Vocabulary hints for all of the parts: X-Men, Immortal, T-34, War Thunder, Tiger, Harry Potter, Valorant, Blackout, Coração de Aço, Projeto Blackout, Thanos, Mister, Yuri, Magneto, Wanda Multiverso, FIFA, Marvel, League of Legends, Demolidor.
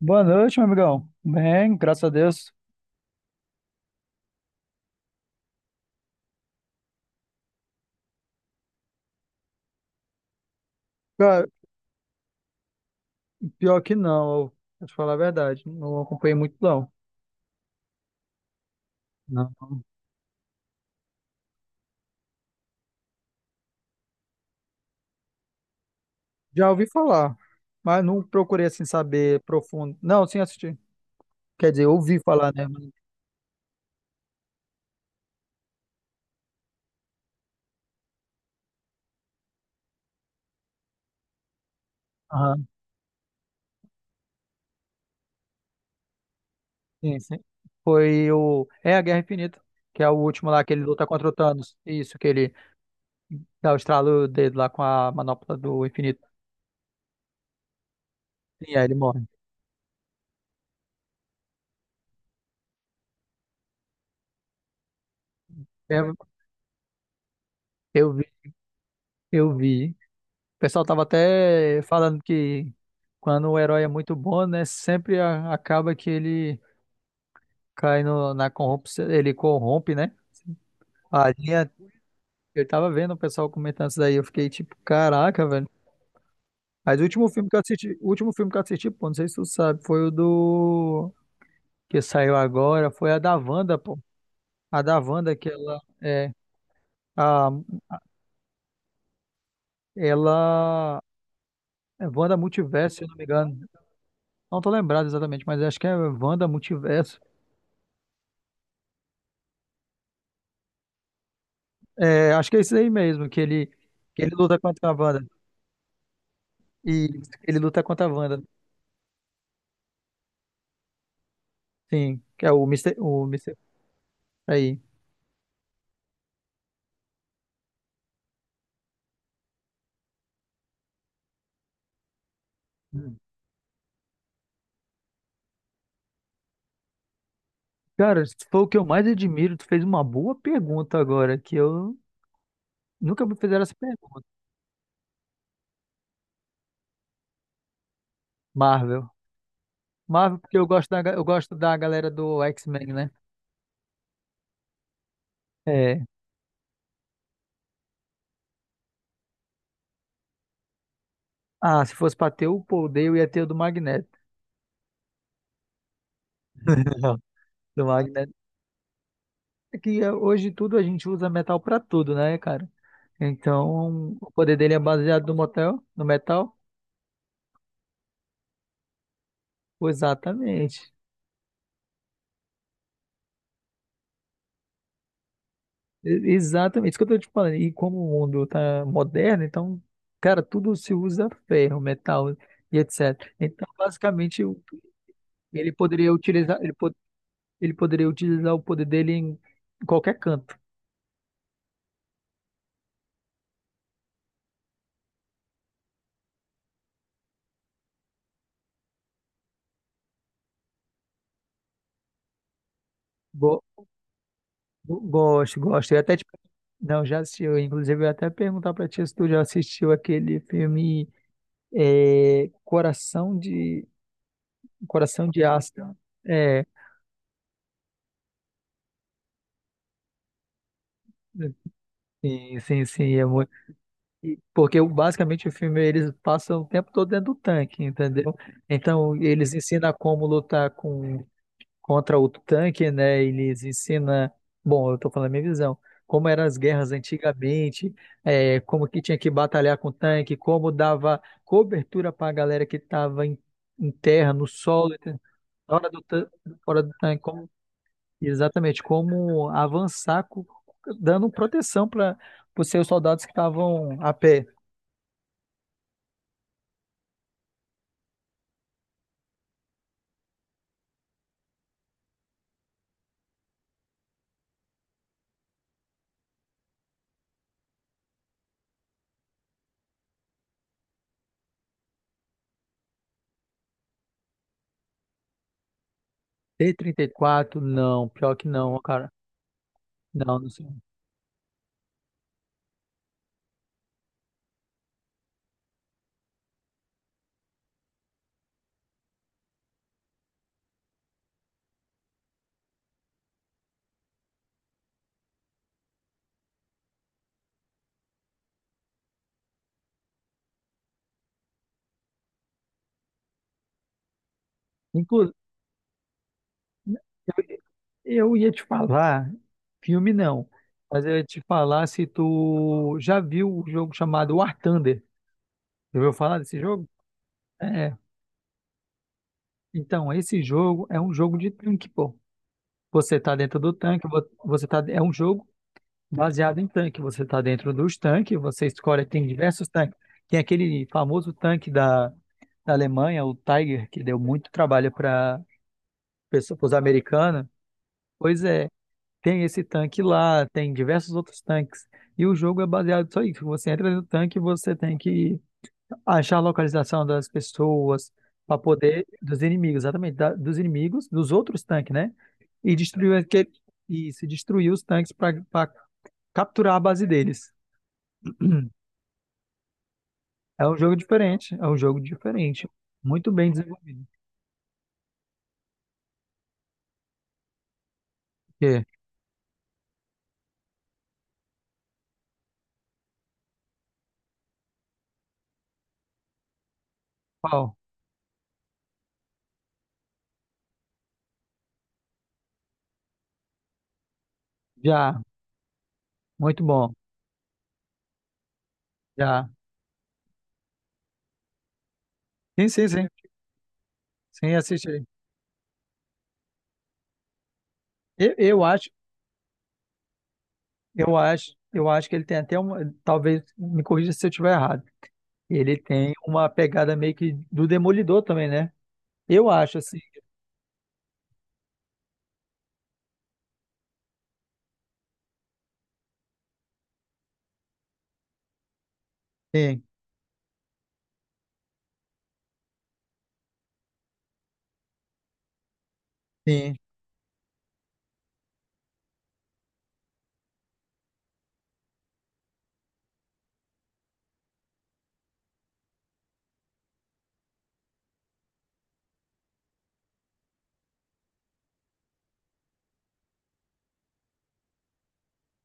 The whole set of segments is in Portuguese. Boa noite, meu amigão. Bem, graças a Deus. Cara, pior que não, vou te falar a verdade, não acompanhei muito não. Não. Já ouvi falar, mas não procurei assim saber profundo. Não, sim assisti. Quer dizer, ouvi falar, né? Aham, sim, sim. Foi o é a Guerra Infinita, que é o último lá que ele luta contra o Thanos. Isso que ele dá o estralo dele lá com a manopla do infinito. Sim, aí ele morre. É, eu vi, eu vi. O pessoal tava até falando que quando o herói é muito bom, né, sempre acaba que ele cai no, na corrupção, ele corrompe, né? A linha, eu tava vendo o pessoal comentando isso daí, eu fiquei tipo, caraca, velho. Mas o último filme que eu assisti, pô, não sei se tu sabe, foi o do que saiu agora, foi a da Wanda, pô. A da Wanda que a ela é Wanda Multiverso, se eu não me engano. Não tô lembrado exatamente, mas acho que é Wanda Multiverso. É, acho que é isso aí mesmo, que ele luta contra a Wanda. E ele luta contra a Wanda, sim, que é o Mister Aí. Hum. Cara, se for o que eu mais admiro, tu fez uma boa pergunta agora, que eu nunca me fizeram essa pergunta. Marvel. Marvel, porque eu gosto da galera do X-Men, né? É. Ah, se fosse pra ter o poder, eu ia ter o do Magneto. Do Magneto. É que hoje tudo a gente usa metal pra tudo, né, cara? Então, o poder dele é baseado no motel, no metal. Exatamente. Exatamente. Isso que eu tô te falando. E como o mundo tá moderno, então, cara, tudo se usa ferro, metal e etc. Então, basicamente, ele poderia utilizar, ele, po- ele poderia utilizar o poder dele em qualquer canto. Go- gosto, gosto. Eu até te. Não, já assisti. Eu, inclusive, eu ia até perguntar pra ti se tu já assistiu aquele filme é, Coração de Coração de Aço. É, sim, sim, sim. É muito E- Porque o- basicamente o filme eles passam o tempo todo dentro do tanque, entendeu? Então eles ensinam como lutar contra o tanque, né? Eles ensinam, bom, eu tô falando a minha visão, como eram as guerras antigamente, é, como que tinha que batalhar com o tanque, como dava cobertura para a galera que estava em terra, no solo, entendeu? fora do, tan- fora do tanque, como, exatamente, como avançar, dando proteção para os seus soldados que estavam a pé. T-34 não, pior que não, cara. Não, não sei. Inclu eu eu ia te falar, filme não, mas eu ia te falar se tu já viu o jogo chamado War Thunder. Já ouviu falar desse jogo? É. Então, esse jogo é um jogo de tanque, pô. Você tá dentro do tanque, você tá, é um jogo baseado em tanque. Você tá dentro dos tanques, você escolhe, tem diversos tanques. Tem aquele famoso tanque da Alemanha, o Tiger, que deu muito trabalho para pessoas americanas. Pois é, tem esse tanque lá, tem diversos outros tanques. E o jogo é baseado só isso. Você entra no tanque e você tem que achar a localização das pessoas para poder dos inimigos, exatamente, dos inimigos, dos outros tanques, né? E destruir aquele, e se destruir os tanques para capturar a base deles. É um jogo diferente, é um jogo diferente, muito bem desenvolvido. Porque, pau, já, muito bom, já. Sim, sim, sim. Sim, assiste aí. Eu, eu acho eu acho que ele tem até uma. Talvez me corrija se eu estiver errado. Ele tem uma pegada meio que do Demolidor também, né? Eu acho, assim. Sim, sim.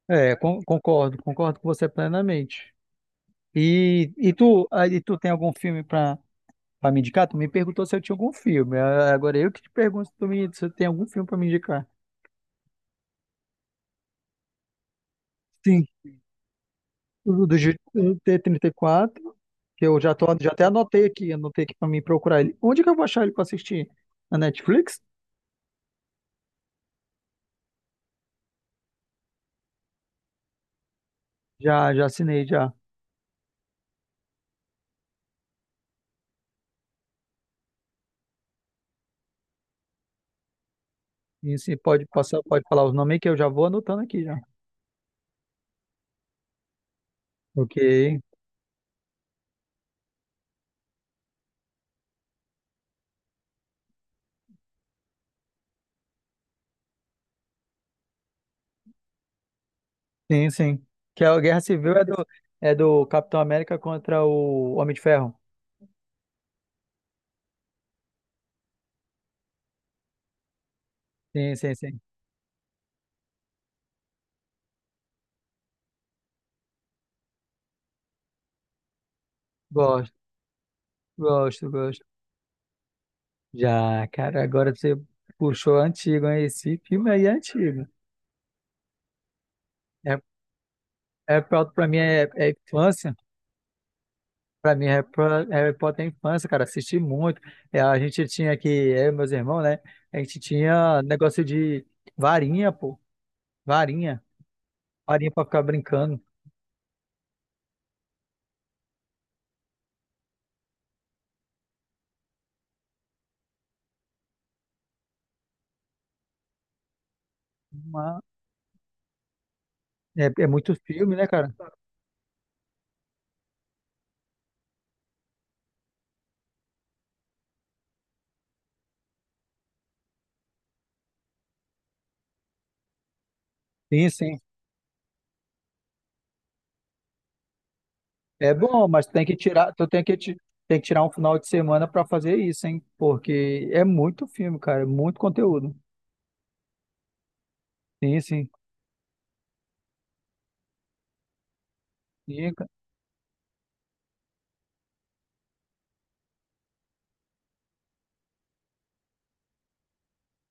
É, concordo com você plenamente. E tu, aí tu tem algum filme pra, me indicar? Tu me perguntou se eu tinha algum filme. Ah, agora eu que te pergunto se tu tem algum filme pra me indicar. Sim, o T-34, que eu já tô, já até anotei aqui pra mim procurar ele. Onde que eu vou achar ele pra assistir? Na Netflix? Já, já assinei, já. E sim, pode passar, pode falar os nomes aí que eu já vou anotando aqui já. Ok. Sim, sim. Que é a Guerra Civil é do Capitão América contra o Homem de Ferro. Sim, sim, sim. Gosto, gosto, gosto. Já, cara, agora você puxou antigo, hein? Esse filme aí é antigo. É, é pra mim é infância. Pra mim, Harry Potter é infância, cara. Assisti muito. É, a gente tinha aqui, eu e meus irmãos, né? A gente tinha negócio de varinha, pô. Varinha. Parinha pra ficar brincando. Uma- É, é muito filme, né, cara? Sim, sim. É bom, mas tem que tirar, tu tem que, ti- tem que tirar um final de semana pra fazer isso, hein? Porque é muito filme, cara, é muito conteúdo. Sim, sim. Sim.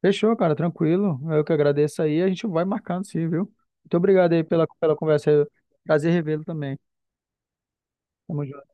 Fechou, cara, tranquilo. Eu que agradeço aí, a gente vai marcando sim, viu? Muito obrigado aí pela conversa. Prazer revê-lo também. Tamo junto.